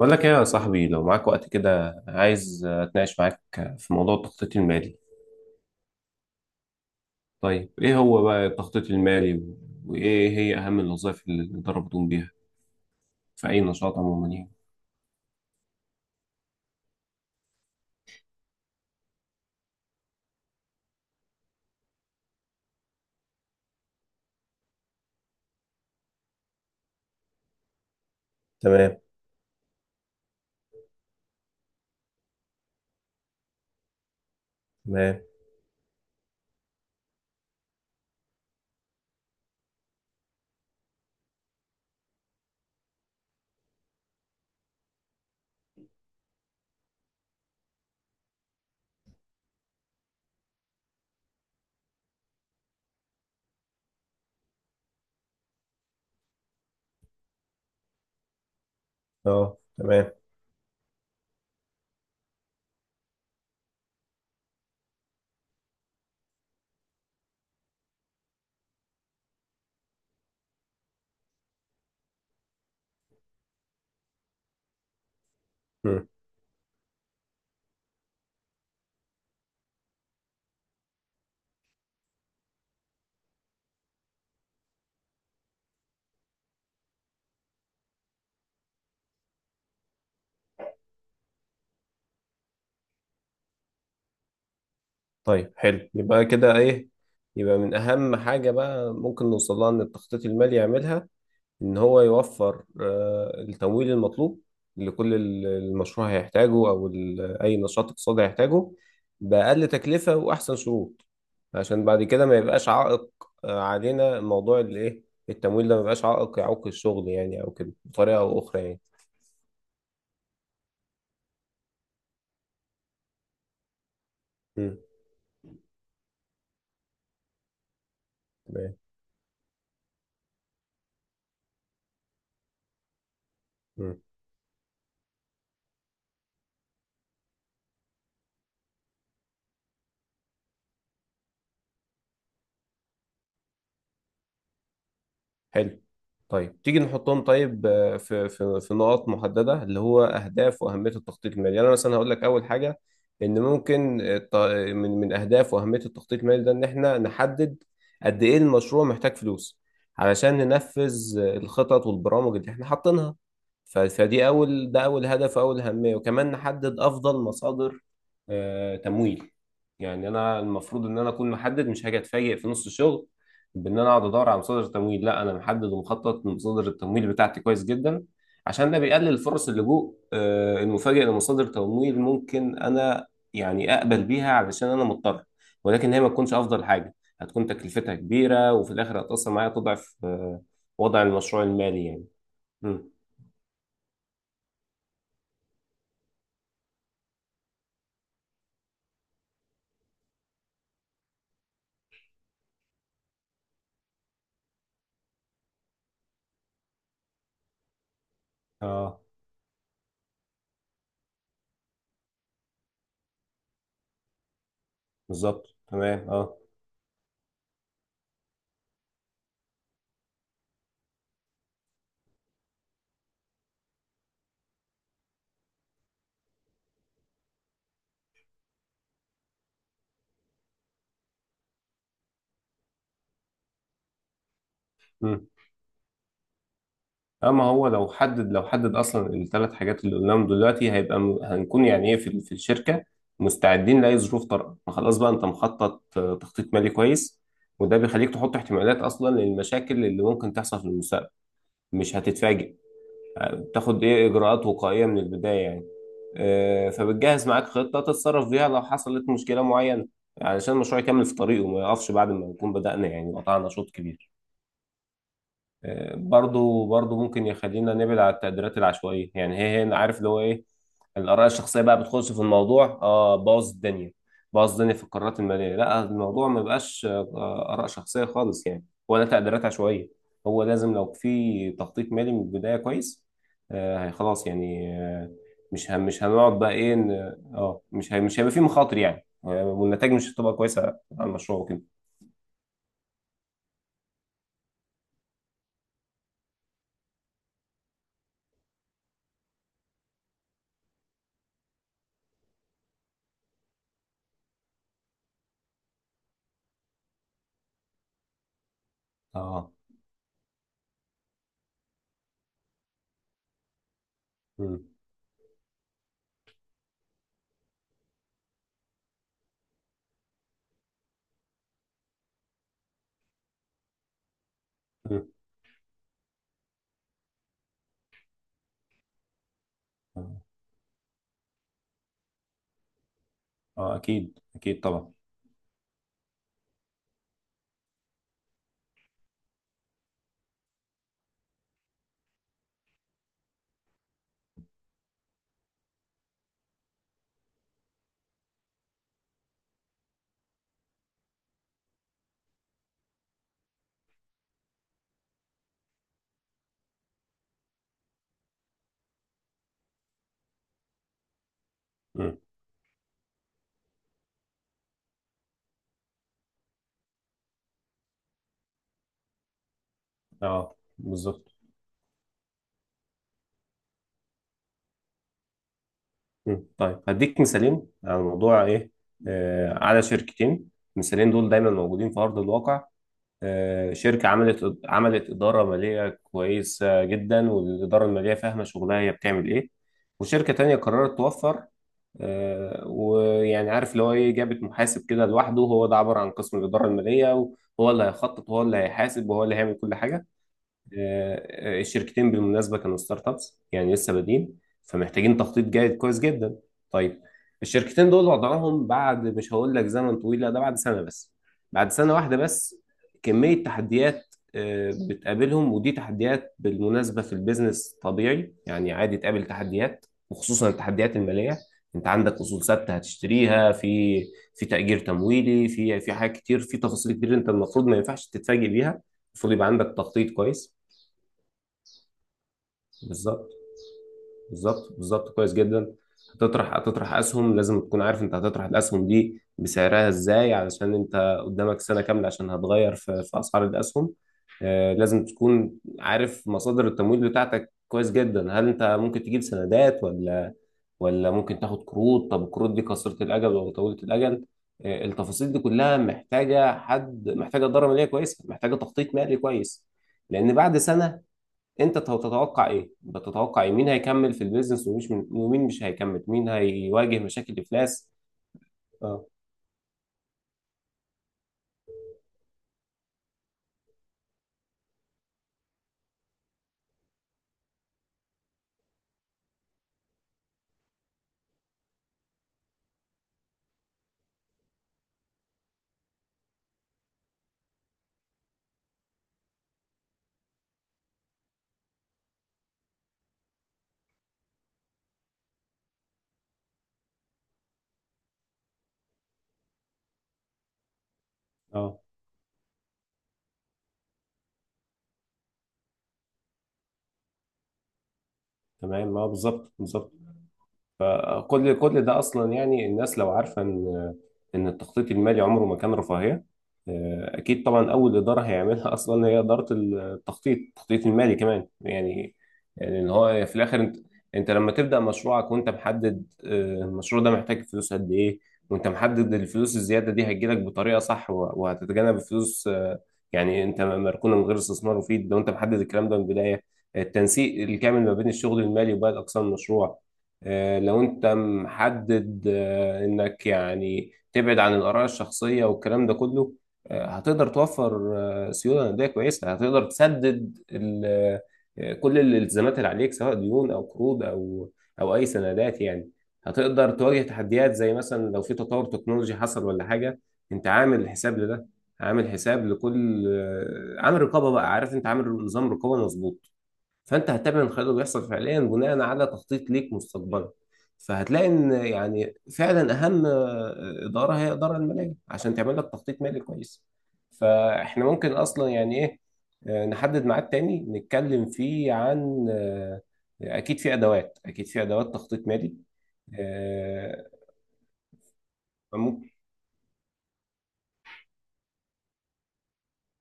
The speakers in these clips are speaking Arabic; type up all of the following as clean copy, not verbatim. بقول لك ايه يا صاحبي، لو معاك وقت كده عايز اتناقش معاك في موضوع التخطيط المالي. طيب، ايه هو بقى التخطيط المالي وايه هي اهم الوظائف اللي الإدارة بتقوم بيها في اي نشاط عموما يعني؟ تمام، تمام، اه، تمام. مم. طيب حلو، يبقى كده ايه، يبقى من اهم حاجه بقى ممكن نوصلها ان التخطيط المالي يعملها إن هو يوفر التمويل المطلوب لكل المشروع هيحتاجه أو أي نشاط اقتصادي هيحتاجه بأقل تكلفة وأحسن شروط، عشان بعد كده ما يبقاش عائق علينا موضوع الإيه، التمويل ده ما يبقاش عائق يعوق الشغل يعني أو كده بطريقة أو أخرى يعني. مم. تمام. مم. حلو. طيب تيجي نحطهم طيب، في نقاط محدده اللي هو اهداف واهميه التخطيط المالي يعني. انا مثلا هقول لك اول حاجه ان ممكن، من اهداف واهميه التخطيط المالي ده ان احنا نحدد قد ايه المشروع محتاج فلوس، علشان ننفذ الخطط والبرامج اللي احنا حاطينها. فدي اول، ده اول هدف واول اهميه، وكمان نحدد افضل مصادر تمويل. يعني انا المفروض ان انا اكون محدد، مش هاجي اتفاجئ في نص الشغل بان انا اقعد ادور على مصادر تمويل، لا انا محدد ومخطط لمصادر التمويل بتاعتي كويس جدا، عشان ده بيقلل فرص اللجوء المفاجئ لمصادر تمويل ممكن انا يعني اقبل بيها علشان انا مضطر، ولكن هي ما تكونش افضل حاجه، هتكون تكلفتها كبيره وفي الاخر هتاثر معايا، تضعف وضع المشروع المالي يعني. مم. اه، بالظبط، تمام، اه. اما هو لو حدد، اصلا الثلاث حاجات اللي قلناهم دلوقتي، هيبقى هنكون يعني ايه، في الشركه مستعدين لاي ظروف طارئه، ما خلاص بقى انت مخطط تخطيط مالي كويس، وده بيخليك تحط احتمالات اصلا للمشاكل اللي ممكن تحصل في المستقبل، مش هتتفاجئ. تاخد ايه اجراءات وقائيه من البدايه يعني، فبتجهز معاك خطه تتصرف بيها لو حصلت مشكله معينه، علشان المشروع يكمل في طريقه وما يقفش بعد ما نكون بدأنا يعني قطعنا شوط كبير. برضو ممكن يخلينا نبعد على التقديرات العشوائية، يعني هي هي عارف اللي هو ايه، الآراء الشخصية بقى بتخش في الموضوع، اه باظ الدنيا، باظ الدنيا في القرارات المالية، لا الموضوع ما بقاش آراء شخصية خالص يعني ولا تقديرات عشوائية. هو لازم لو في تخطيط مالي من البداية كويس، خلاص يعني. مش هنقعد بقى ايه، مش هيبقى في مخاطر يعني، والنتائج مش هتبقى كويسة على المشروع وكده. اه. مم. مم. اه، آه، اكيد اكيد طبعا. مم. اه، بالظبط. مم. طيب هديك مثالين على موضوع ايه، على شركتين، المثالين دول دايما موجودين في ارض الواقع. شركه عملت اداره ماليه كويسه جدا، والاداره الماليه فاهمه شغلها هي بتعمل ايه. وشركه تانية قررت توفر، ويعني عارف اللي هو ايه، جابت محاسب كده لوحده، هو ده عباره عن قسم الاداره الماليه، وهو اللي هيخطط وهو اللي هيحاسب وهو اللي هيعمل كل حاجه. الشركتين بالمناسبة كانوا ستارت ابس يعني لسه بادئين، فمحتاجين تخطيط جيد كويس جدا. طيب الشركتين دول وضعهم بعد، مش هقول لك زمن طويل، لا ده بعد سنة بس، بعد سنة واحدة بس كمية تحديات بتقابلهم، ودي تحديات بالمناسبة في البيزنس طبيعي يعني، عادي تقابل تحديات وخصوصا التحديات المالية. انت عندك اصول ثابتة هتشتريها في في تأجير تمويلي، في حاجات كتير، في تفاصيل كتير، انت المفروض ما ينفعش تتفاجئ بيها، المفروض يبقى عندك تخطيط كويس. بالظبط، بالظبط، بالظبط، كويس جدا. هتطرح اسهم، لازم تكون عارف انت هتطرح الاسهم دي بسعرها ازاي، علشان انت قدامك سنه كامله عشان هتغير في اسعار الاسهم. لازم تكون عارف مصادر التمويل بتاعتك كويس جدا، هل انت ممكن تجيب سندات ولا ممكن تاخد قروض؟ طب القروض دي قصيره الاجل ولا طويله الاجل؟ التفاصيل دي كلها محتاجه حد، محتاجه اداره ماليه كويسه، محتاجه تخطيط مالي كويس. لان بعد سنه انت تتوقع ايه بتتوقع ايه، مين هيكمل في البيزنس ومين مش هيكمل، مين هيواجه مشاكل افلاس؟ اه، اه، تمام، اه، بالظبط، بالظبط. فكل ده اصلا يعني الناس لو عارفه ان التخطيط المالي عمره ما كان رفاهيه. اكيد طبعا، اول اداره هيعملها اصلا هي اداره التخطيط التخطيط المالي كمان يعني. يعني ان هو في الاخر انت، لما تبدا مشروعك وانت محدد المشروع ده محتاج فلوس قد ايه، وانت محدد الفلوس الزياده دي هتجيلك بطريقه صح، وهتتجنب الفلوس يعني انت مركونه من غير استثمار مفيد، لو انت محدد الكلام ده من البدايه، التنسيق الكامل ما بين الشغل المالي وباقي اقسام المشروع، لو انت محدد انك يعني تبعد عن الاراء الشخصيه والكلام ده كله، هتقدر توفر سيوله نقديه كويسه، هتقدر تسدد كل الالتزامات اللي عليك سواء ديون او قروض او اي سندات يعني. هتقدر تواجه تحديات زي مثلا لو في تطور تكنولوجي حصل ولا حاجه، انت عامل حساب لده، عامل حساب لكل، عامل رقابه بقى، عارف انت عامل نظام رقابه مظبوط. فانت هتتابع الخير اللي بيحصل فعليا بناء على تخطيط ليك مستقبلا، فهتلاقي ان يعني فعلا اهم اداره هي الاداره الماليه، عشان تعمل لك تخطيط مالي كويس. فاحنا ممكن اصلا يعني ايه، نحدد ميعاد تاني نتكلم فيه عن، اكيد في ادوات تخطيط مالي، آه، ممكن.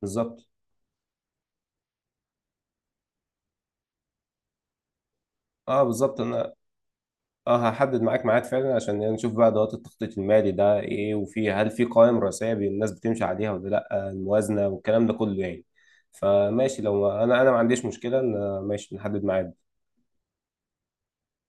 بالظبط، اه، بالظبط، انا اه هحدد معاك ميعاد فعلا عشان نشوف بقى ادوات التخطيط المالي ده ايه، هل في قوائم رئيسيه الناس بتمشي عليها ولا لا، الموازنه والكلام ده كله يعني. فماشي، لو انا ما عنديش مشكله ان ماشي نحدد ميعاد.